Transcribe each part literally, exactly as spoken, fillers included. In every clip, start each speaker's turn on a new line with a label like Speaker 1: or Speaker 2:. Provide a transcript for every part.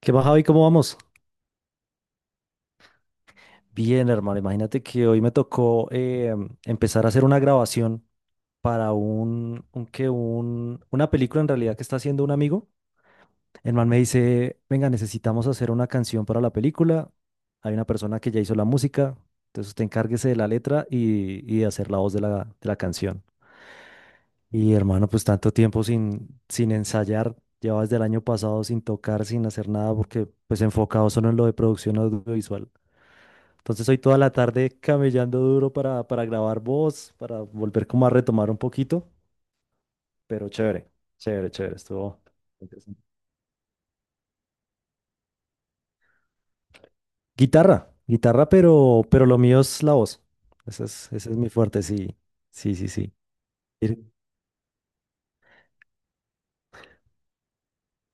Speaker 1: ¿Qué más, Javi? ¿Cómo vamos? Bien, hermano. Imagínate que hoy me tocó eh, empezar a hacer una grabación para un, un que un, una película en realidad que está haciendo un amigo. El man me dice, venga, necesitamos hacer una canción para la película. Hay una persona que ya hizo la música, entonces usted encárguese de la letra y, y de hacer la voz de la, de la canción. Y hermano, pues tanto tiempo sin, sin ensayar, llevaba desde el año pasado sin tocar, sin hacer nada, porque pues enfocado solo en lo de producción audiovisual. Entonces hoy toda la tarde camellando duro para, para grabar voz, para volver como a retomar un poquito, pero chévere, chévere, chévere, estuvo interesante. Guitarra, guitarra, pero, pero lo mío es la voz. Ese es, ese es mi fuerte, sí, sí, sí, sí. Ir-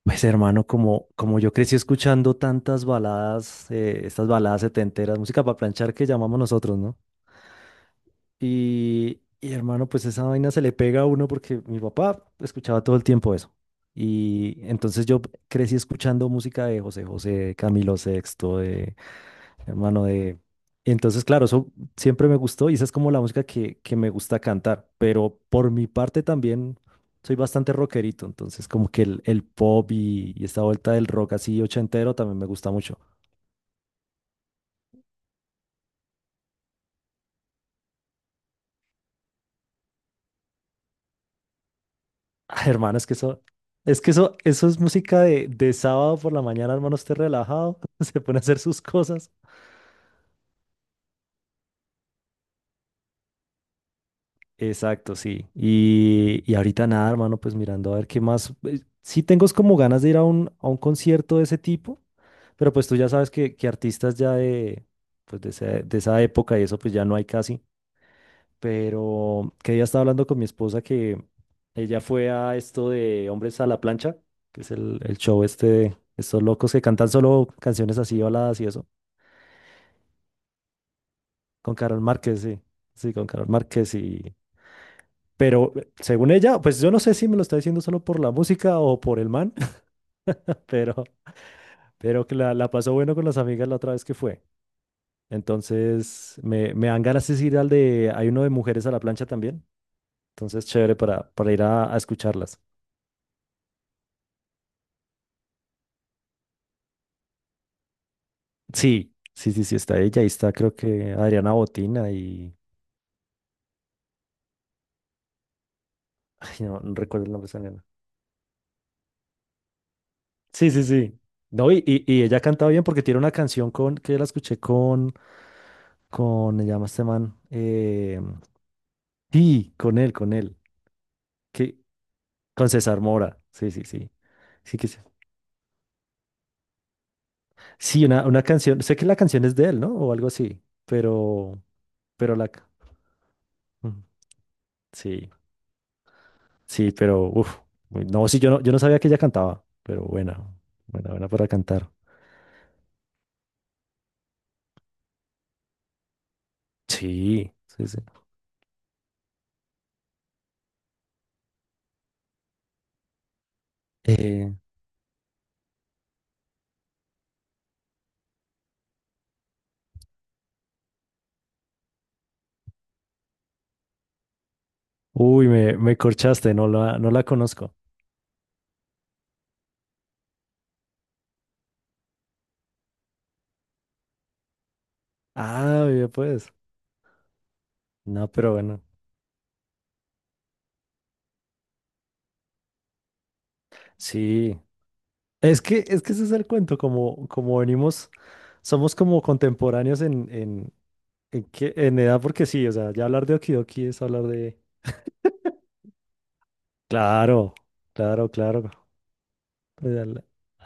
Speaker 1: Pues hermano, como, como yo crecí escuchando tantas baladas, eh, estas baladas setenteras, música para planchar que llamamos nosotros, ¿no? Y, y, hermano, pues esa vaina se le pega a uno porque mi papá escuchaba todo el tiempo eso. Y entonces yo crecí escuchando música de José José, de Camilo Sexto, de hermano de... Entonces, claro, eso siempre me gustó y esa es como la música que, que me gusta cantar. Pero por mi parte también soy bastante rockerito. Entonces, como que el, el pop y, y esta vuelta del rock así ochentero también me gusta mucho. Ay, hermano, es que eso, es que eso, eso es música de, de sábado por la mañana, hermano, esté relajado, se pone a hacer sus cosas. Exacto, sí. Y, y ahorita nada, hermano, pues mirando a ver qué más. eh, Sí tengo es como ganas de ir a un, a un concierto de ese tipo, pero pues tú ya sabes que, que artistas ya de, pues de, ese- de esa época y eso, pues ya no hay casi. Pero que ya estaba hablando con mi esposa que ella fue a esto de Hombres a la Plancha, que es el, el show este de estos locos que cantan solo canciones así, baladas y eso, con Carol Márquez, sí, sí, con Carol Márquez y... Pero eh, según ella, pues yo no sé si me lo está diciendo solo por la música o por el man, pero, pero que la, la pasó bueno con las amigas la otra vez que fue. Entonces, me, me dan ganas de ir al de, hay uno de mujeres a la plancha también. Entonces, chévere para, para ir a, a escucharlas. Sí, sí, sí, sí, está ella. Ahí está, creo que Adriana Botina y. Ay, no, no recuerdo el nombre de esa nena. Sí, sí, sí. No, y, y, y ella cantaba bien porque tiene una canción con que la escuché con. Con. Se llama este man. Eh, sí, con él, con él. Que, con César Mora. Sí, sí, sí. Sí, que sí. Sí, una, una canción. Sé que la canción es de él, ¿no? O algo así. Pero. Pero la. ca- Ujú. Sí, sí, pero. Uf. No, sí, yo no, yo no sabía que ella cantaba. Pero buena. Buena, buena para cantar. Sí, sí, sí. Eh, uy, me, me corchaste, no la, no la conozco. Ah, ya pues. No, pero bueno. Sí. Es que, es que ese es el cuento, como, como venimos, somos como contemporáneos en, en, en, qué- en edad, porque sí, o sea, ya hablar de Okidoki es hablar de... Claro, claro, claro. Pues, Al,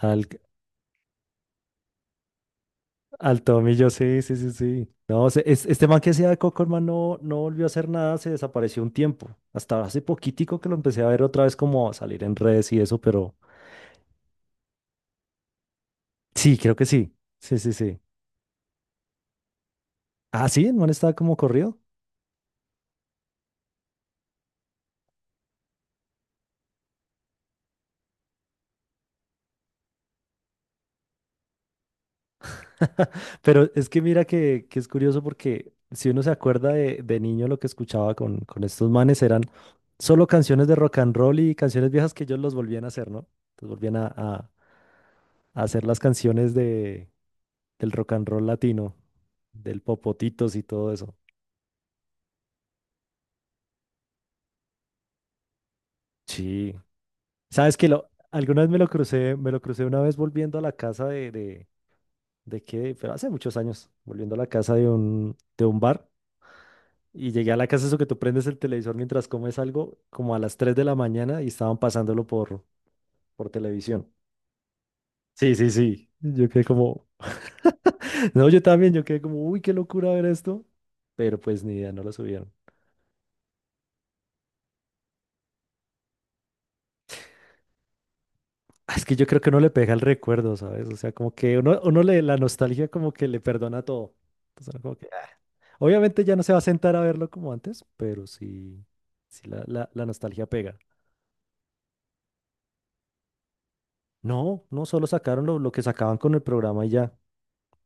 Speaker 1: al- Al Tomillo, sí, sí, sí, sí. No, se- es- este man que hacía de Cockerman no, no volvió a hacer nada, se desapareció un tiempo. Hasta hace poquitico que lo empecé a ver otra vez como salir en redes y eso, pero sí, creo que sí. Sí, sí, sí. Ah, sí, el man estaba como corrido. Pero es que mira que, que es curioso porque si uno se acuerda de, de niño lo que escuchaba con, con estos manes eran solo canciones de rock and roll y canciones viejas que ellos los volvían a hacer, ¿no? Los volvían a, a- a hacer las canciones del rock and roll latino, del Popotitos y todo eso. Sí. ¿Sabes que lo, alguna vez me lo crucé, me lo crucé una vez volviendo a la casa de, de, de qué, pero hace muchos años, volviendo a la casa de un, de un bar y llegué a la casa eso que tú prendes el televisor mientras comes algo, como a las tres de la mañana y estaban pasándolo por, por televisión. Sí, sí, sí. Yo quedé como, no, yo también, yo quedé como, uy, qué locura ver esto, pero pues ni idea, no lo subieron. Es que yo creo que uno le pega el recuerdo, ¿sabes? O sea, como que uno, uno le, la nostalgia como que le perdona todo. Entonces, como que, obviamente ya no se va a sentar a verlo como antes, pero sí, sí la, la, la nostalgia pega. No, no, solo sacaron lo, lo que sacaban con el programa y ya.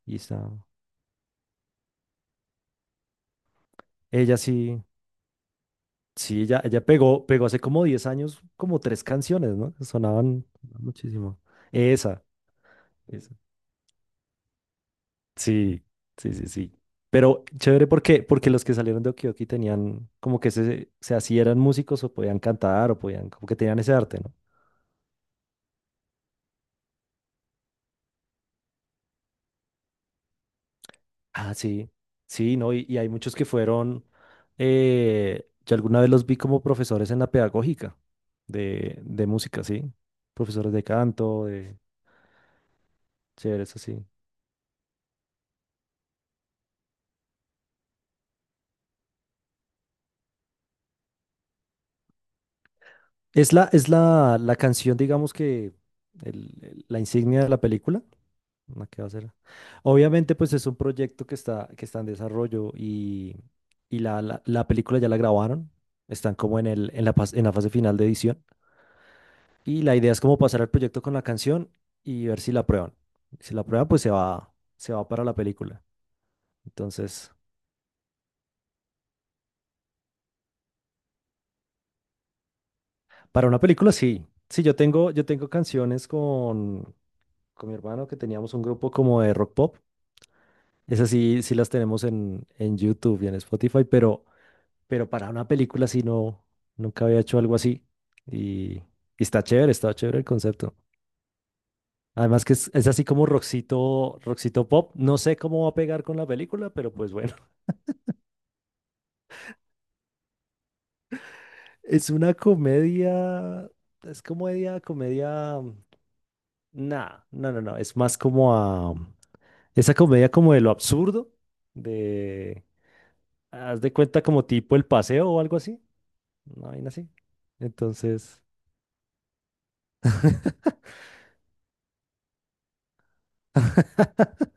Speaker 1: Y está. Ella sí, sí, ella, ella pegó, pegó hace como diez años como tres canciones, ¿no? Sonaban muchísimo. Esa. Sí, sí, sí, sí. Pero chévere porque, porque los que salieron de Okioki tenían como que se, se así eran músicos o podían cantar o podían, como que tenían ese arte, ¿no? Ah, sí, sí, ¿no? Y, y hay muchos que fueron, eh, yo alguna vez los vi como profesores en la pedagógica de, de música, ¿sí? Profesores de canto, de... Chévere, eso sí. Es la, es la, la canción, digamos que, el- el- la insignia de la película. No, ¿qué va a hacer? Obviamente, pues es un proyecto que está, que está en desarrollo y, y la, la, la película ya la grabaron. Están como en el, en la, pas- en la fase final de edición. Y la idea es como pasar el proyecto con la canción y ver si la aprueban. Si la aprueban, pues se va, se va para la película. Entonces, para una película sí. Sí, yo tengo, yo tengo canciones con, con mi hermano que teníamos un grupo como de rock pop. Esas sí, sí las tenemos en, en YouTube y en Spotify, pero pero para una película sí no, nunca había hecho algo así. Y, y está chévere, está chévere el concepto. Además que es, es así como rockcito, rockcito pop. No sé cómo va a pegar con la película, pero pues bueno. Es una comedia, es comedia, comedia... Nah, no, no, no. Es más como a... Esa comedia como de lo absurdo, de... Haz de cuenta como tipo El Paseo o algo así. Una vaina así. Entonces...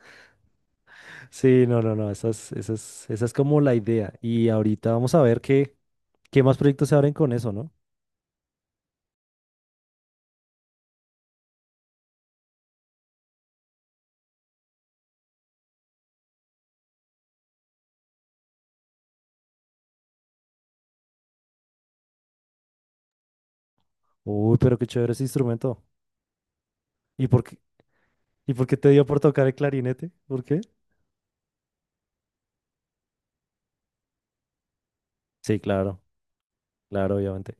Speaker 1: Sí, no, no, no, esa es, esa es, esa es como la idea. Y ahorita vamos a ver qué, qué más proyectos se abren con eso, ¿no? Uy, pero qué chévere ese instrumento. ¿Y por qué, y por qué te dio por tocar el clarinete? ¿Por qué? Sí, claro, claro, obviamente.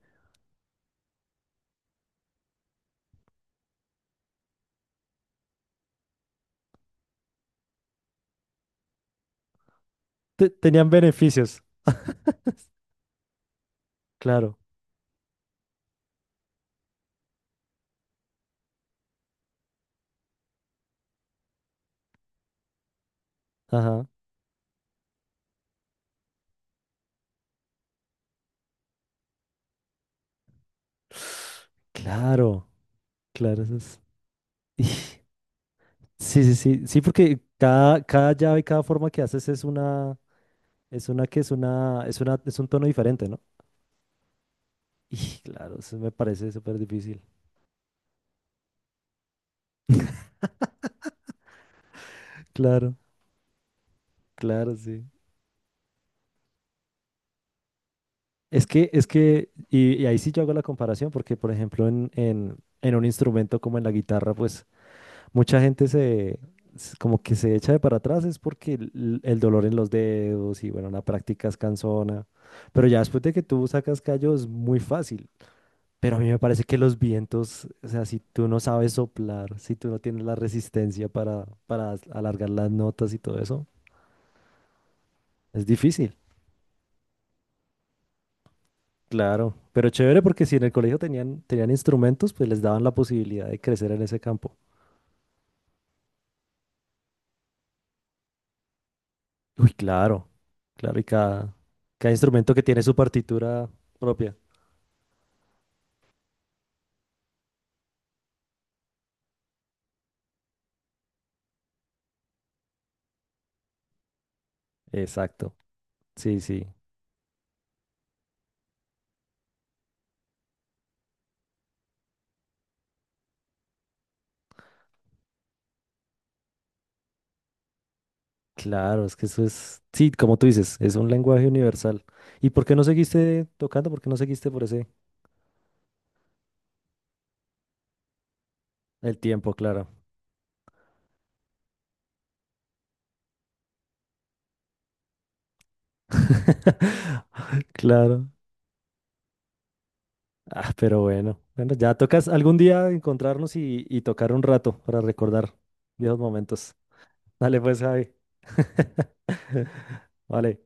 Speaker 1: Te- tenían beneficios. Claro, ajá. Claro, claro, eso es. Y- Sí, sí, sí, sí, porque cada, cada llave, cada forma que haces es una, es una que es una, es una, es un tono diferente, ¿no? Y claro, eso me parece súper difícil. Claro. Claro, sí. Es que, es que, y, y ahí sí yo hago la comparación, porque por ejemplo en, en, en un instrumento como en la guitarra, pues mucha gente se, s- como que se echa de para atrás, es porque el, el dolor en los dedos y bueno, la práctica es cansona. Pero ya después de que tú sacas callo es muy fácil. Pero a mí me parece que los vientos, o sea, si tú no sabes soplar, si tú no tienes la resistencia para, para alargar las notas y todo eso, es difícil. Claro, pero chévere porque si en el colegio tenían, tenían instrumentos, pues les daban la posibilidad de crecer en ese campo. Uy, claro, claro, y cada, cada instrumento que tiene su partitura propia. Exacto, sí, sí, claro, es que eso es, sí, como tú dices, es un lenguaje universal. ¿Y por qué no seguiste tocando? ¿Por qué no seguiste por ese, el tiempo, claro? Claro. Ah, pero bueno, bueno, ya tocas algún día encontrarnos y, y tocar un rato para recordar viejos momentos. Dale pues, Javi. Vale.